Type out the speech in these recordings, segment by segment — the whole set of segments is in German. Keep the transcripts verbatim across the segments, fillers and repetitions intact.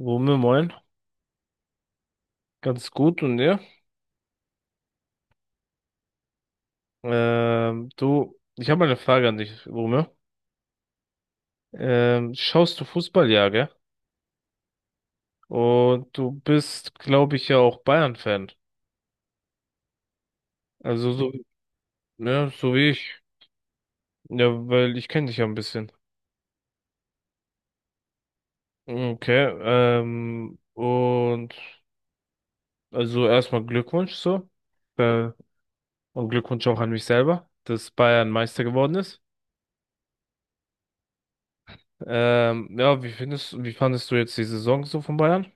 Rumme, moin. Ganz gut und dir? Ähm, du, ich habe mal eine Frage an dich, Rumme. Ähm, schaust du Fußball, ja, gell? Und du bist, glaube ich, ja auch Bayern-Fan. Also so, ja, so wie ich. Ja, weil ich kenne dich ja ein bisschen. Okay, ähm, und also erstmal Glückwunsch so. Äh, und Glückwunsch auch an mich selber, dass Bayern Meister geworden ist. Ähm, ja, wie findest, wie fandest du jetzt die Saison so von Bayern?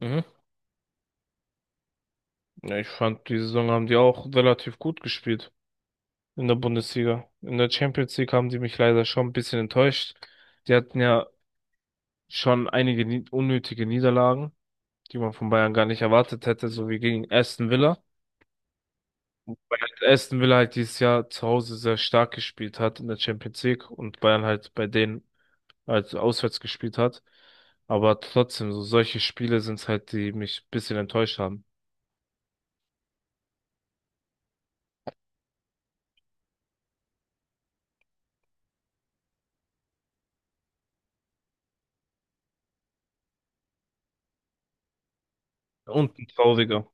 Mhm. Ja, ich fand, die Saison haben die auch relativ gut gespielt in der Bundesliga. In der Champions League haben die mich leider schon ein bisschen enttäuscht. Die hatten ja schon einige nie unnötige Niederlagen, die man von Bayern gar nicht erwartet hätte, so wie gegen Aston Villa. Weil Aston Villa halt dieses Jahr zu Hause sehr stark gespielt hat in der Champions League und Bayern halt bei denen halt auswärts gespielt hat. Aber trotzdem, so solche Spiele sind's halt, die mich ein bisschen enttäuscht haben. Und ein trauriger.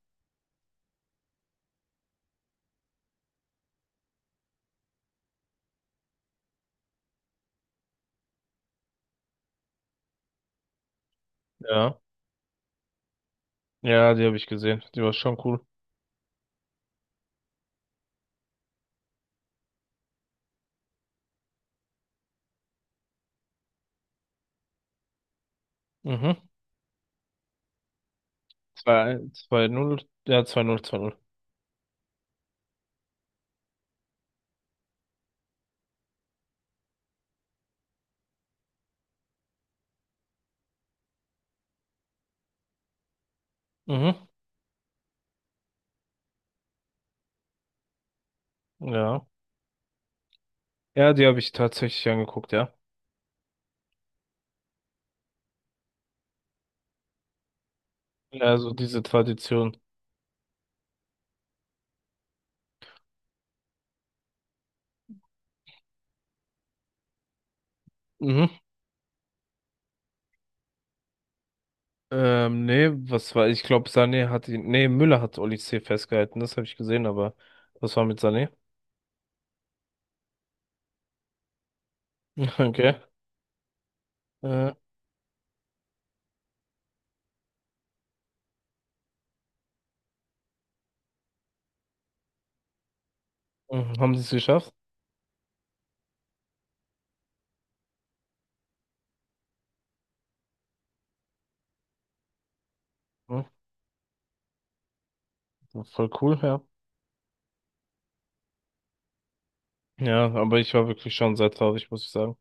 Ja. Ja, die habe ich gesehen. Die war schon cool. Mhm. zwei zwei null ja, zwei null zwei null Mhm. Ja. Ja, die habe ich tatsächlich angeguckt, ja. Ja, so diese Tradition. Mhm. Ähm, nee, was war, ich glaube, Sané hat ihn, nee, Müller hat Oli C. festgehalten, das habe ich gesehen, aber was war mit Sané? Okay. Äh, mhm. Haben sie es geschafft? Mhm. Voll cool, ja. Ja, aber ich war wirklich schon sehr traurig, muss ich sagen.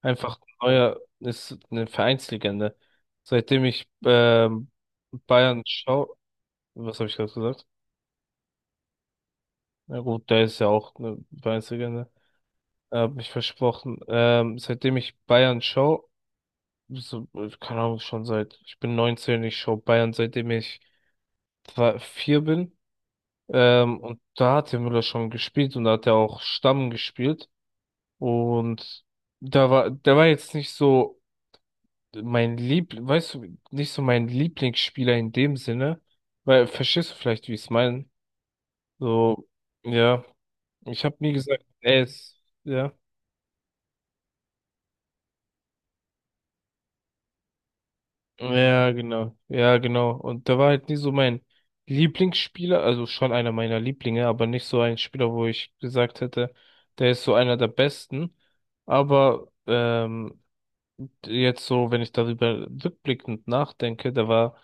Einfach Neuer ist eine Vereinslegende. Seitdem ich ähm, Bayern schaue, was habe ich gerade gesagt? Na gut, der ist ja auch eine Weiße. Hab ich versprochen. Ähm, seitdem ich Bayern schaue, so, äh, keine Ahnung, schon seit, ich bin neunzehn, ich schaue Bayern, seitdem ich drei- vier bin. Ähm, und da hat der Müller schon gespielt und da hat er auch Stamm gespielt. Und da war, der war jetzt nicht so mein Lieb, weißt du, nicht so mein Lieblingsspieler in dem Sinne. Weil, verstehst du vielleicht, wie ich es meine? So, ja, ich habe nie gesagt, er ist, ja. Ja, genau. Ja, genau. Und der war halt nie so mein Lieblingsspieler, also schon einer meiner Lieblinge, aber nicht so ein Spieler, wo ich gesagt hätte, der ist so einer der besten. Aber ähm, jetzt so, wenn ich darüber rückblickend nachdenke, der war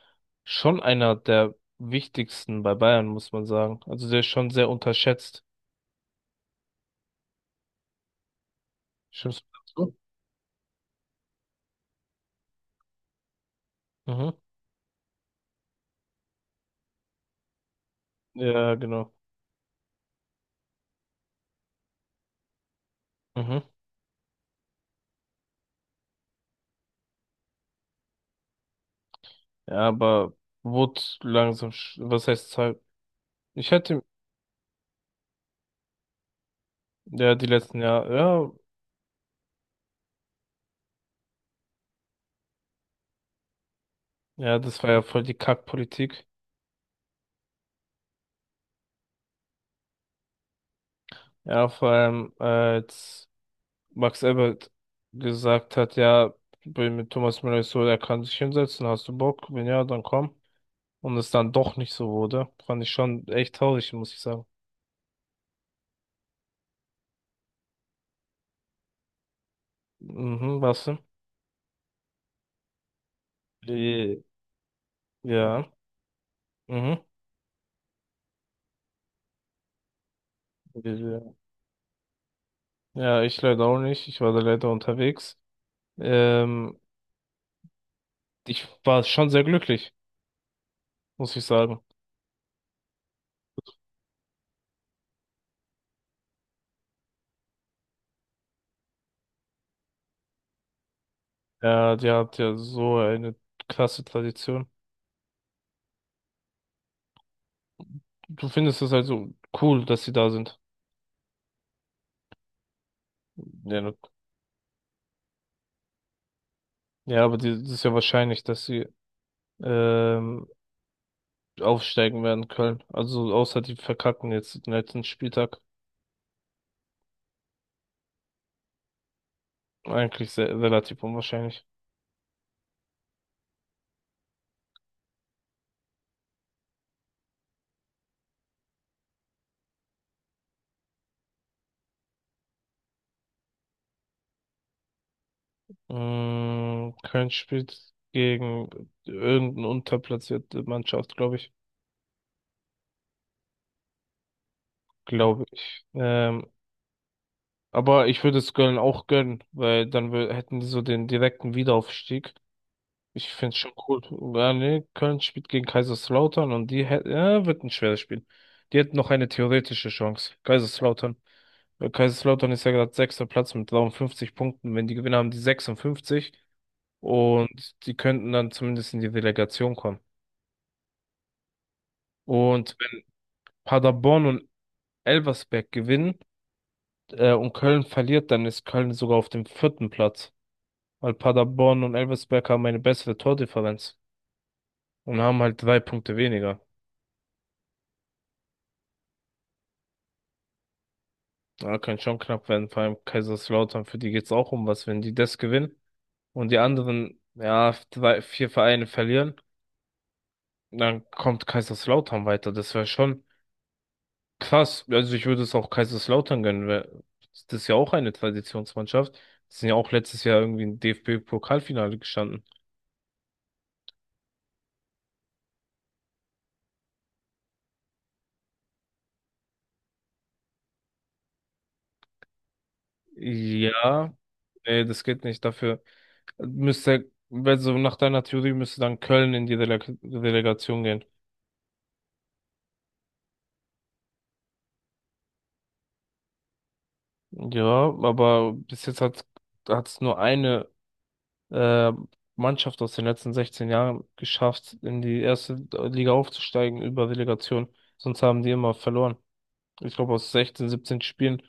schon einer der wichtigsten bei Bayern, muss man sagen. Also der ist schon sehr unterschätzt. Stimmst du? Dazu? Mhm. Ja, genau. Mhm. Ja, aber wurde langsam, sch- was heißt, halt, ich hätte, ja, die letzten Jahre, ja, ja, das war ja voll die Kackpolitik. Ja, vor allem äh, als Max Ebert gesagt hat, ja, bin mit Thomas Müller ist so, er kann sich hinsetzen, hast du Bock? Wenn ja, dann komm. Und es dann doch nicht so wurde, fand ich schon echt traurig, muss ich sagen. Mhm, was denn? Äh, Ja, mhm. Äh, Ja, ich leider auch nicht, ich war da leider unterwegs. Ähm, Ich war schon sehr glücklich, muss ich sagen. Ja, die hat ja so eine krasse Tradition. Du findest es also cool, dass sie da sind. Ja, na- ja, aber die, das ist ja wahrscheinlich, dass sie ähm, aufsteigen werden, Köln. Also außer die verkacken jetzt den letzten Spieltag. Eigentlich sehr, relativ unwahrscheinlich. Mm, Köln spielt gegen irgendeine unterplatzierte Mannschaft, glaube ich. Glaube ich. Ähm, aber ich würde es Köln auch gönnen, weil dann wö- hätten die so den direkten Wiederaufstieg. Ich finde es schon cool. Ja, nee, Köln spielt gegen Kaiserslautern und die hätten, ja, wird ein schweres Spiel. Die hätten noch eine theoretische Chance. Kaiserslautern. Weil Kaiserslautern ist ja gerade sechster Platz mit dreiundfünfzig Punkten. Wenn die gewinnen, haben die sechsundfünfzig und die könnten dann zumindest in die Relegation kommen. Und wenn Paderborn und Elversberg gewinnen, äh, und Köln verliert, dann ist Köln sogar auf dem vierten Platz. Weil Paderborn und Elversberg haben eine bessere Tordifferenz und haben halt drei Punkte weniger. Ja, kann schon knapp werden, vor allem Kaiserslautern, für die geht's auch um was, wenn die das gewinnen und die anderen, ja, drei vier Vereine verlieren, dann kommt Kaiserslautern weiter. Das wäre schon krass. Also ich würde es auch Kaiserslautern gönnen, weil das ist ja auch eine Traditionsmannschaft. Die sind ja auch letztes Jahr irgendwie im D F B-Pokalfinale gestanden. Ja, nee, das geht nicht. Dafür müsste, also nach deiner Theorie müsste dann Köln in die Releg Relegation gehen. Ja, aber bis jetzt hat hat's nur eine äh, Mannschaft aus den letzten sechzehn Jahren geschafft, in die erste Liga aufzusteigen über Relegation. Sonst haben die immer verloren. Ich glaube, aus sechzehn, siebzehn Spielen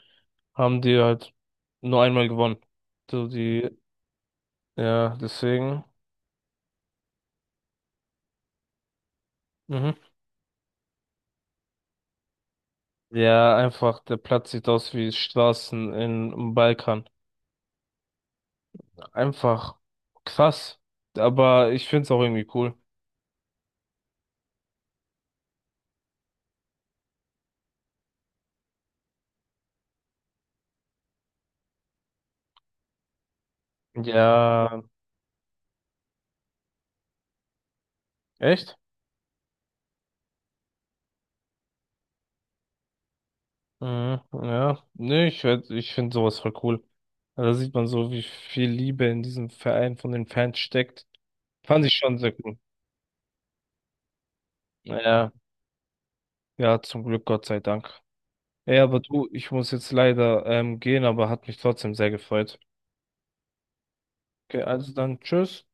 haben die halt nur einmal gewonnen. So die, ja, deswegen. Mhm. Ja, einfach, der Platz sieht aus wie Straßen in, im Balkan. Einfach krass. Aber ich finde es auch irgendwie cool. Ja, echt? Mhm, ja, nee, ich werd, ich finde sowas voll cool. Also da sieht man so, wie viel Liebe in diesem Verein von den Fans steckt. Fand ich schon sehr cool. Ja, ja, zum Glück, Gott sei Dank. Ey, aber du, ich muss jetzt leider ähm, gehen, aber hat mich trotzdem sehr gefreut. Okay, also dann, tschüss.